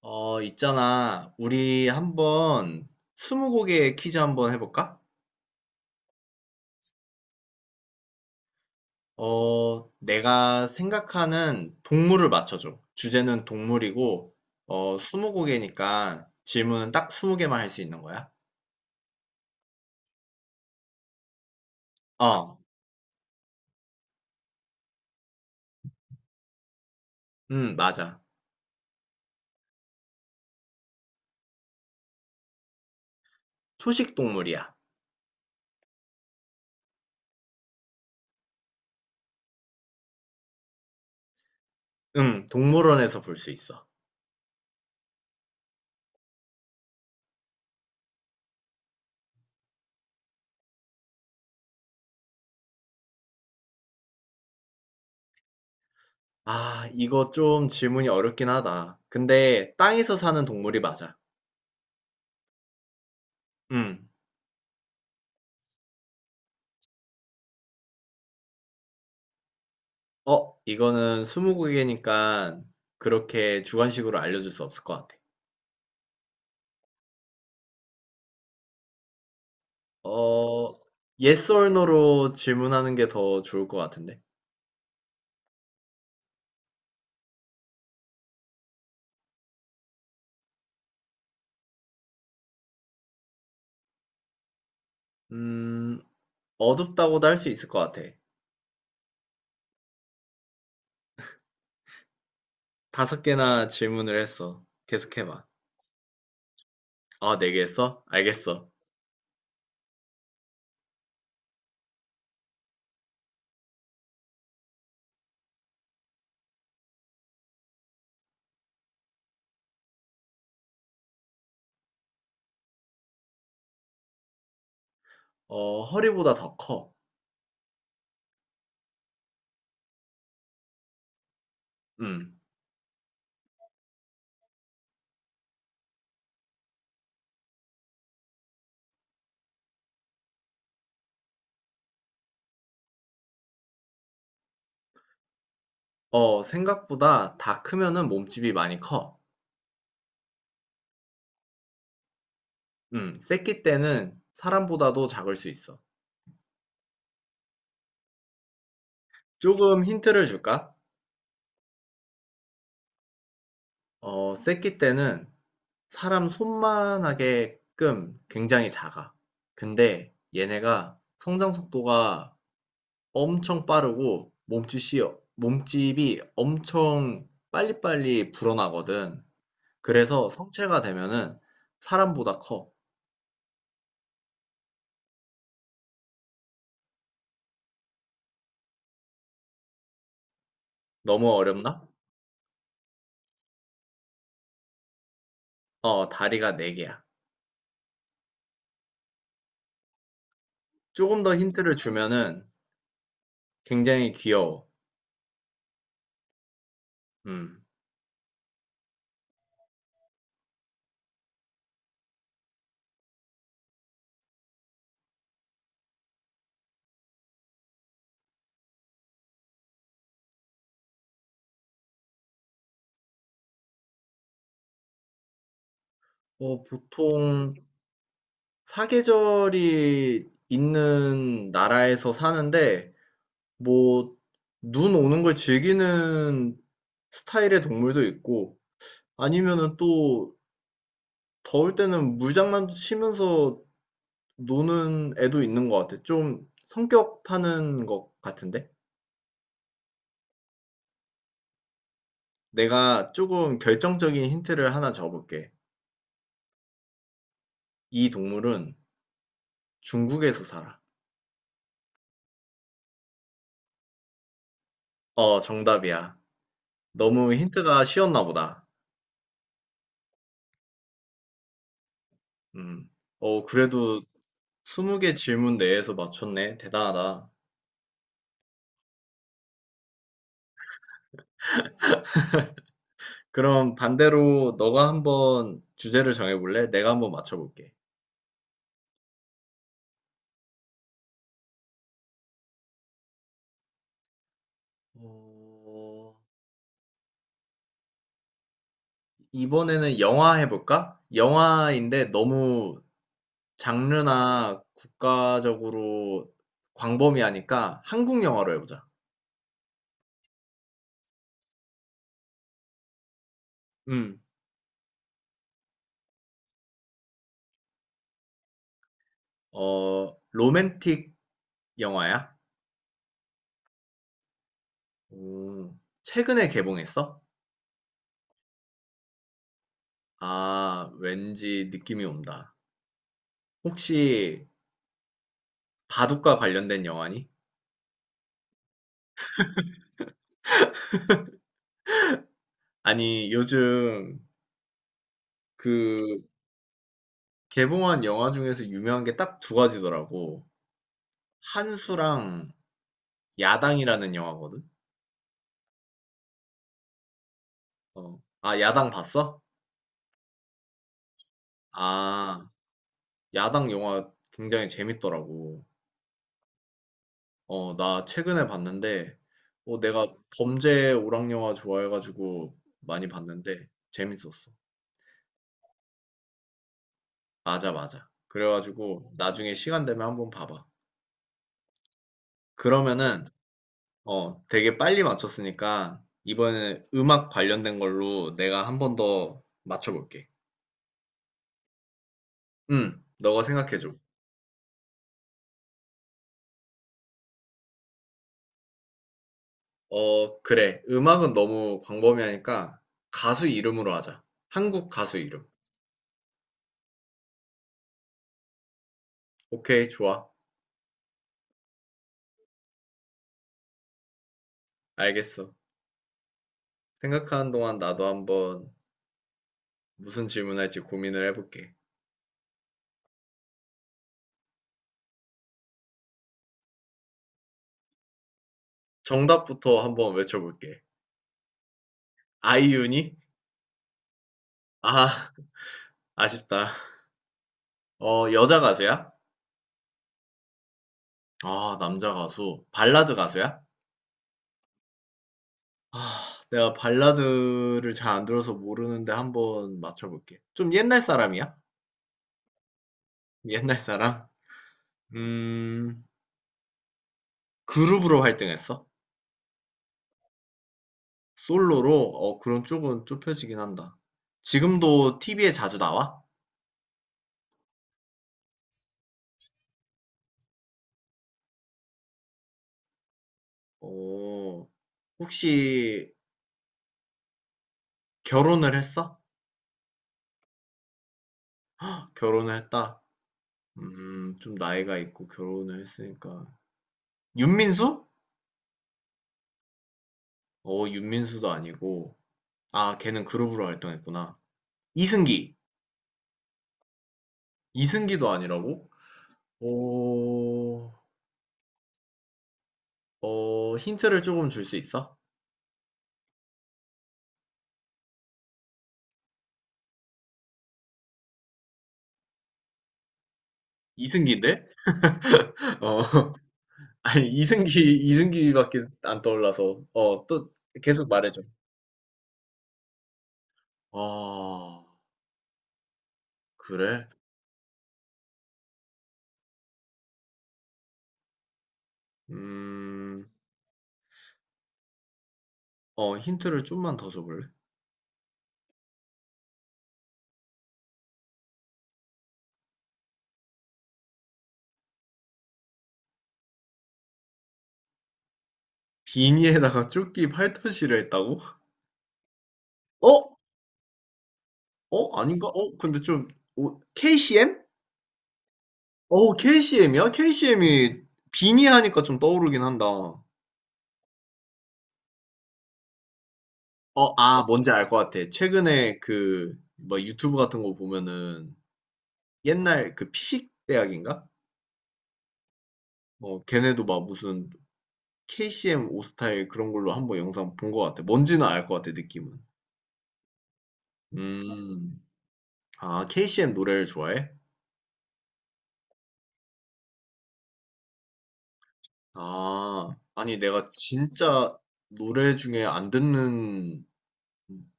있잖아. 우리 한번 스무고개 퀴즈 한번 해볼까? 내가 생각하는 동물을 맞춰줘. 주제는 동물이고, 스무고개니까 질문은 딱 스무 개만 할 수 있는 거야. 어, 맞아. 초식 동물이야. 동물원에서 볼 수 있어. 아, 이거 좀 질문이 어렵긴 하다. 근데 땅에서 사는 동물이 맞아. 음, 이거는 스무고개니까 그렇게 주관식으로 알려줄 수 없을 것 같아. 어, yes or no로 질문하는 게 더 좋을 것 같은데. 음, 어둡다고도 할 수 있을 것 같아. 다섯 개나 질문을 했어. 계속해봐. 아, 네 개 했어? 알겠어. 허리보다 더 커. 음. 생각보다 다 크면은 몸집이 많이 커. 새끼 때는 사람보다도 작을 수 있어. 조금 힌트를 줄까? 새끼 때는 사람 손만 하게끔 굉장히 작아. 근데 얘네가 성장 속도가 엄청 빠르고 몸집이 엄청 빨리빨리 불어나거든. 그래서 성체가 되면은 사람보다 커. 너무 어렵나? 다리가 네개야. 조금 더 힌트를 주면은 굉장히 귀여워. 음. 보통 사계절이 있는 나라에서 사는데 뭐, 눈 오는 걸 즐기는 스타일의 동물도 있고, 아니면은 또, 더울 때는 물장난도 치면서 노는 애도 있는 것 같아. 좀 성격 타는 것 같은데? 내가 조금 결정적인 힌트를 하나 줘볼게. 이 동물은 중국에서 살아. 정답이야. 너무 힌트가 쉬웠나 보다. 음. 그래도 20개 질문 내에서 맞췄네. 대단하다. 그럼 반대로 너가 한번 주제를 정해볼래? 내가 한번 맞춰볼게. 어, 이번에는 영화 해볼까? 영화인데 너무 장르나 국가적으로 광범위하니까 한국 영화로 해보자. 음, 로맨틱 영화야? 오, 최근에 개봉했어? 아, 왠지 느낌이 온다. 혹시 바둑과 관련된 영화니? 아니, 요즘 그 개봉한 영화 중에서 유명한 게 딱 두 가지더라고. 한수랑 야당이라는 영화거든. 어. 아, 야당 봤어? 아, 야당 영화 굉장히 재밌더라고. 나 최근에 봤는데, 내가 범죄 오락 영화 좋아해가지고 많이 봤는데 재밌었어. 맞아, 맞아. 그래가지고 나중에 시간 되면 한번 봐봐. 그러면은, 되게 빨리 맞췄으니까 이번에 음악 관련된 걸로 내가 한 번 더 맞춰볼게. 응. 너가 생각해 줘. 그래. 음악은 너무 광범위하니까 가수 이름으로 하자. 한국 가수 이름. 오케이, 좋아. 알겠어. 생각하는 동안 나도 한번 무슨 질문할지 고민을 해볼게. 정답부터 한번 외쳐볼게. 아이유니? 아, 아쉽다. 여자 가수야? 아, 남자 가수. 발라드 가수야? 아, 내가 발라드를 잘 안 들어서 모르는데 한번 맞춰볼게. 좀 옛날 사람이야? 옛날 사람? 음, 그룹으로 활동했어? 솔로로? 그럼 쪽은 좁혀지긴 한다. 지금도 TV에 자주 나와? 어, 혹시 결혼을 했어? 결혼을 했다. 좀 나이가 있고 결혼을 했으니까. 윤민수? 어, 윤민수도 아니고. 아, 걔는 그룹으로 활동했구나. 이승기. 이승기도 아니라고? 어, 힌트를 조금 줄 수 있어? 이승기인데? 어, 아니 이승기밖에 안 떠올라서. 또 계속 말해줘. 아, 그래? 음, 힌트를 좀만 더 줘볼래? 비니에다가 조끼 팔토시를 했다고? 어? 어? 아닌가? 어? 근데 좀, 오, KCM? KCM이야? KCM이 비니 하니까 좀 떠오르긴 한다. 뭔지 알 것 같아. 최근에 그, 뭐 유튜브 같은 거 보면은 옛날 그 피식 대학인가? 걔네도 막 무슨 KCM 오스타일 그런 걸로 한번 영상 본 것 같아. 뭔지는 알 것 같아 느낌은. 음. 아 KCM 노래를 좋아해? 아. 아니 내가 진짜 노래 중에 안 듣는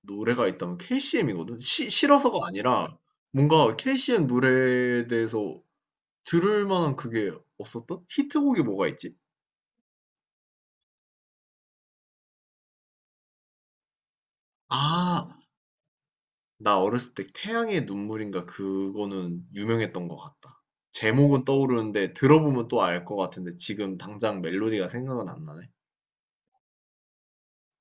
노래가 있다면 KCM이거든. 싫어서가 아니라 뭔가 KCM 노래에 대해서 들을 만한 그게 없었던? 히트곡이 뭐가 있지? 아. 나 어렸을 때 태양의 눈물인가 그거는 유명했던 것 같다. 제목은 떠오르는데 들어보면 또 알 것 같은데 지금 당장 멜로디가 생각은 안 나네.